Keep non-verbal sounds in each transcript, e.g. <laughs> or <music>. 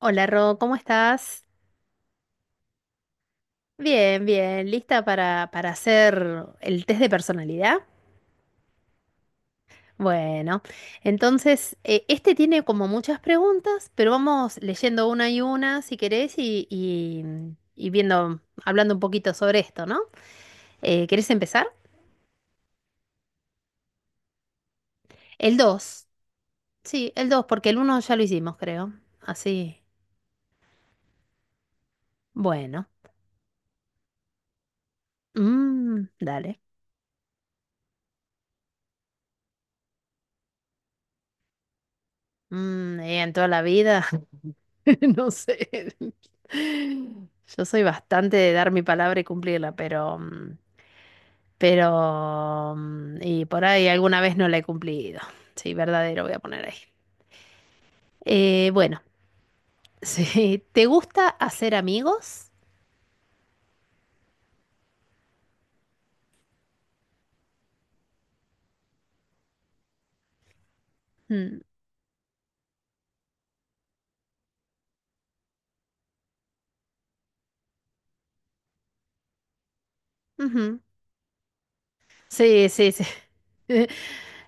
Hola Ro, ¿cómo estás? Bien, bien, ¿lista para hacer el test de personalidad? Bueno, entonces este tiene como muchas preguntas, pero vamos leyendo una y una si querés y viendo, hablando un poquito sobre esto, ¿no? ¿Querés empezar? El 2. Sí, el 2, porque el uno ya lo hicimos, creo. Así, bueno. Mm, dale. En toda la vida. <laughs> No sé. Yo soy bastante de dar mi palabra y cumplirla, pero, y por ahí alguna vez no la he cumplido. Sí, verdadero voy a poner ahí. Bueno. <laughs> Sí, ¿te gusta hacer amigos? Mm, ujú. Sí, sí, sí. <laughs>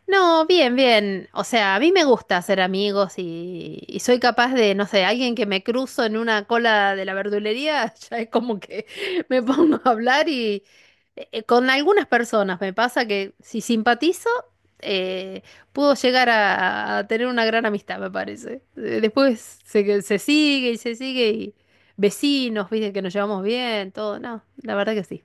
No, bien, bien. O sea, a mí me gusta hacer amigos y soy capaz de, no sé, alguien que me cruzo en una cola de la verdulería, <laughs> ya es como que <laughs> me pongo a hablar y con algunas personas me pasa que si simpatizo, eh, puedo llegar a tener una gran amistad, me parece. Después se sigue y vecinos, viste que nos llevamos bien, todo. No, la verdad que sí.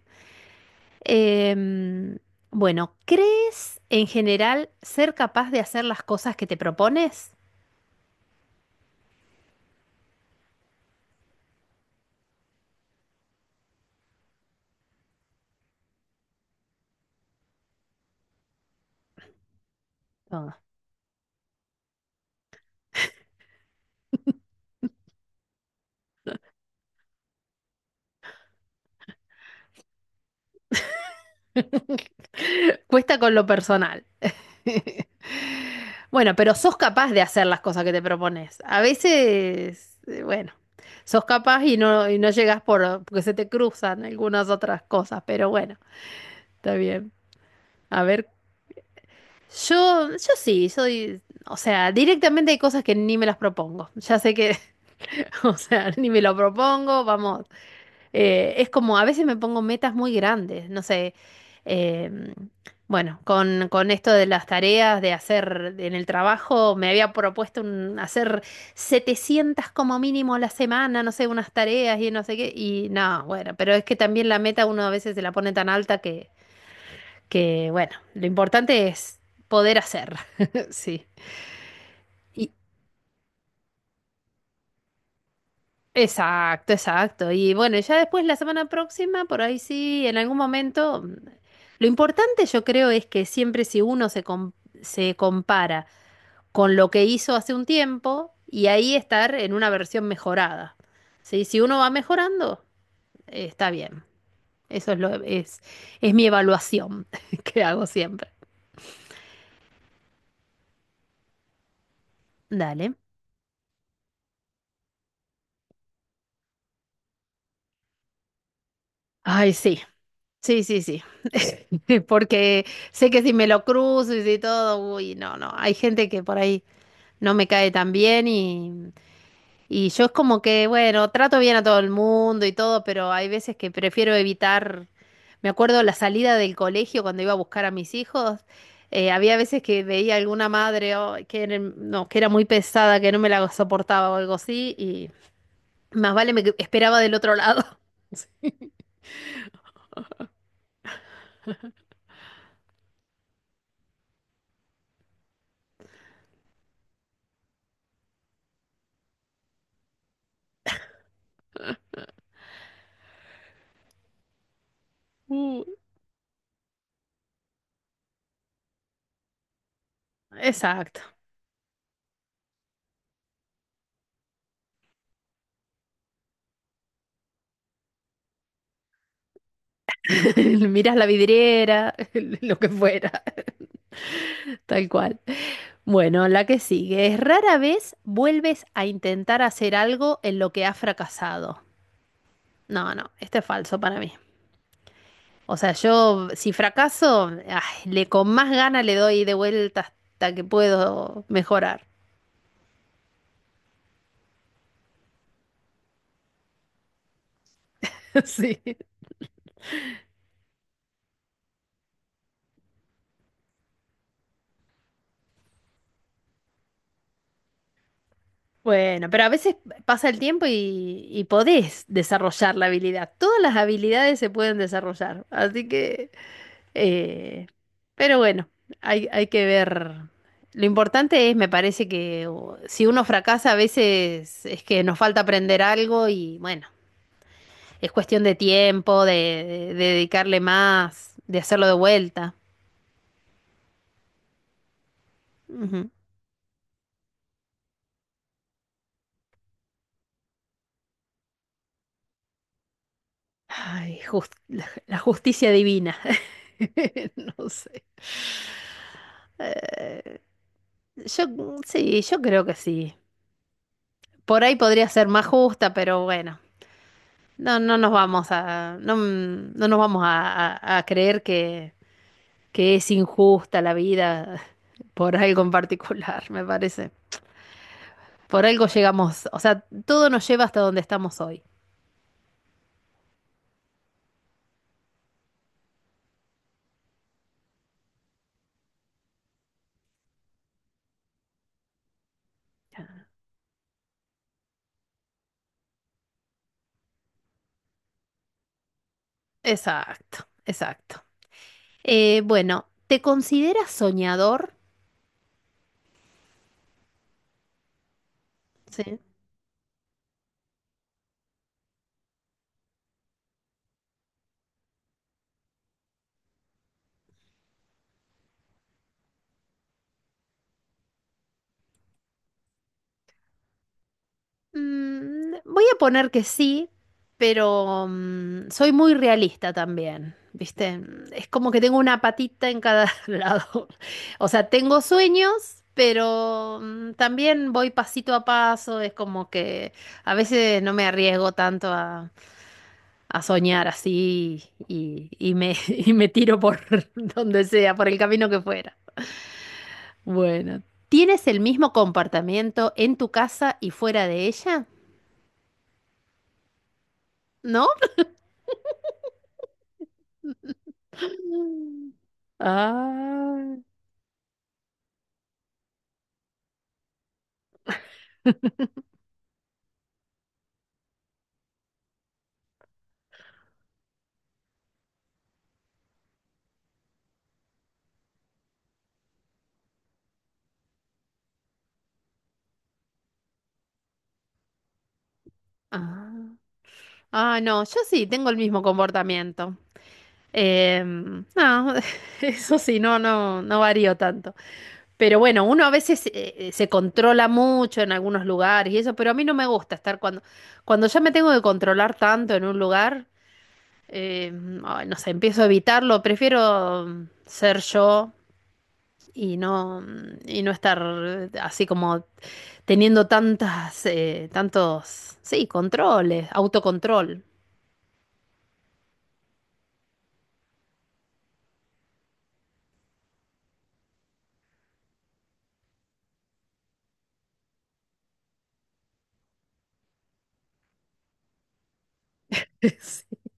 Em, bueno, ¿crees en general ser capaz de hacer las cosas que te propones? Ah. <laughs> Cuesta con lo personal. <laughs> Bueno, pero sos capaz de hacer las cosas que te propones. A veces, bueno, sos capaz y no llegas porque se te cruzan algunas otras cosas, pero bueno, está bien. A ver, yo sí, soy, o sea, directamente hay cosas que ni me las propongo. Ya sé que <laughs> o sea, ni me lo propongo, vamos. Es como, a veces me pongo metas muy grandes, no sé. em, bueno, con esto de las tareas de hacer en el trabajo, me había propuesto hacer 700 como mínimo a la semana, no sé, unas tareas y no sé qué. Y no, bueno, pero es que también la meta uno a veces se la pone tan alta que bueno, lo importante es poder hacer. <laughs> Sí. ¿Y exacto, exacto? Y bueno, ya después la semana próxima, por ahí sí, en algún momento. Mm, lo importante yo creo es que siempre si uno se compara con lo que hizo hace un tiempo y ahí estar en una versión mejorada. ¿Sí? Si uno va mejorando, está bien. Eso es mi evaluación <laughs> que hago siempre. Dale. Ay, sí, sí, sí, sí. <laughs> Porque sé que si me lo cruzo y si todo, uy, no, no. Hay gente que por ahí no me cae tan bien, y yo es como que, bueno, trato bien a todo el mundo y todo, pero hay veces que prefiero evitar. Me acuerdo la salida del colegio cuando iba a buscar a mis hijos. Había veces que veía alguna madre oh, era, no, que era muy pesada, que no me la soportaba o algo así, y más vale esperaba del otro lado. <laughs> Sí. Mm. Exacto. <laughs> Miras la vidriera, <laughs> lo que fuera, <laughs> tal cual. Bueno, la que sigue es rara vez vuelves a intentar hacer algo en lo que has fracasado. No, no, este es falso para mí. O sea, yo si fracaso, ay, le con más ganas le doy de vuelta hasta que puedo mejorar. <laughs> Sí. Bueno, pero a veces pasa el tiempo y podés desarrollar la habilidad. Todas las habilidades se pueden desarrollar. Así que eh, pero bueno, hay que ver. Lo importante es, me parece que si uno fracasa a veces es que nos falta aprender algo y bueno, es cuestión de tiempo, de dedicarle más, de hacerlo de vuelta. Ujú. Ay, la justicia divina. <laughs> No sé. Eh, yo sí, yo creo que sí. Por ahí podría ser más justa, pero bueno, no, no nos vamos a, no, no nos vamos a creer que es injusta la vida por algo en particular, me parece. Por algo llegamos, o sea, todo nos lleva hasta donde estamos hoy. Exacto, exacto. Bueno, ¿te consideras soñador? Sí. Mm, voy a poner que sí, pero soy muy realista también, ¿viste? Es como que tengo una patita en cada <laughs> lado. O sea, tengo sueños, pero también voy pasito a paso. Es como que a veces no me arriesgo tanto a soñar así <laughs> y me tiro por <laughs> donde sea, por el camino que fuera. Bueno, ¿tienes el mismo comportamiento en tu casa y fuera de ella? ¿No? Ah, ah. Ah, no, yo sí tengo el mismo comportamiento. Em, no, <laughs> eso sí, no, no, no varío tanto. Pero bueno, uno a veces se controla mucho en algunos lugares y eso, pero a mí no me gusta estar cuando cuando ya me tengo que controlar tanto en un lugar, eh, ay, no sé, empiezo a evitarlo, prefiero ser yo y no, y no estar así como teniendo tantas, tantos, sí, controles, autocontrol. <laughs>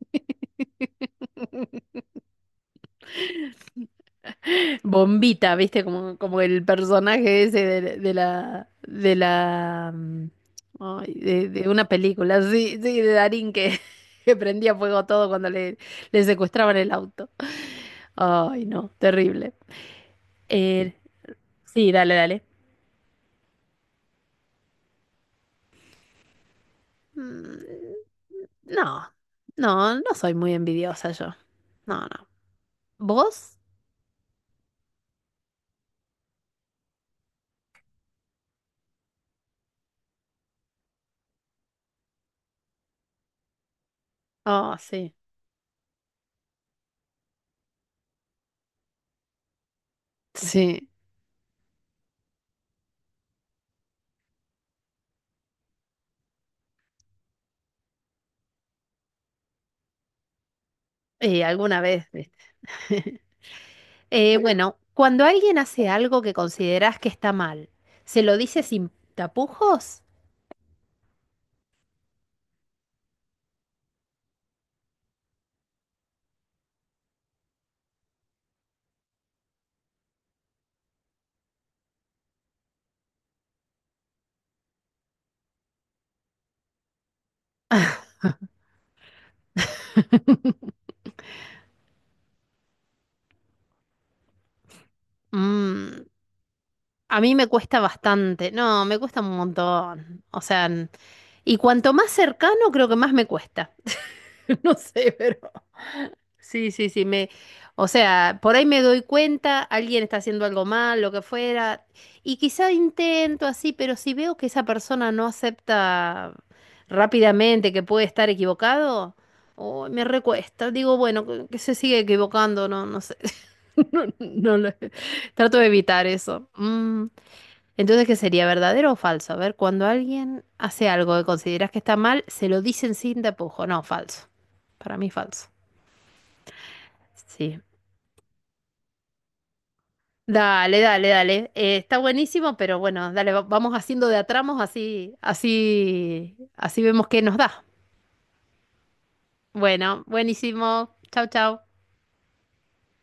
Sí. <laughs> Bombita, ¿viste? Como, como el personaje ese de la ay, de una película, sí, sí, de Darín que, <laughs> que prendía fuego todo cuando le secuestraban el auto. Ay, no, terrible. Eh, sí, dale, dale. Mm, no, no, no soy muy envidiosa yo. No, no. ¿Vos? Oh, sí. Sí. Y alguna vez, ¿viste? <laughs> Bueno, cuando alguien hace algo que consideras que está mal, ¿se lo dices sin tapujos? Mm, a mí me cuesta bastante. No, me cuesta un montón. O sea, y cuanto más cercano, creo que más me cuesta. <laughs> No sé, pero. Sí, sí, sí, me, o sea, por ahí me doy cuenta, alguien está haciendo algo mal, lo que fuera, y quizá intento así, pero si veo que esa persona no acepta rápidamente que puede estar equivocado, oh, me recuesta, digo, bueno, que se sigue equivocando, no, no sé, <laughs> no, no lo- trato de evitar eso. Mm, entonces, ¿qué sería verdadero o falso? A ver, cuando alguien hace algo que consideras que está mal, se lo dicen sin tapujo, no, falso, para mí falso. Sí. Dale, dale, dale. Está buenísimo, pero bueno, dale, vamos haciendo de a tramos, así, así, así vemos qué nos da. Bueno, buenísimo. Chau, chau.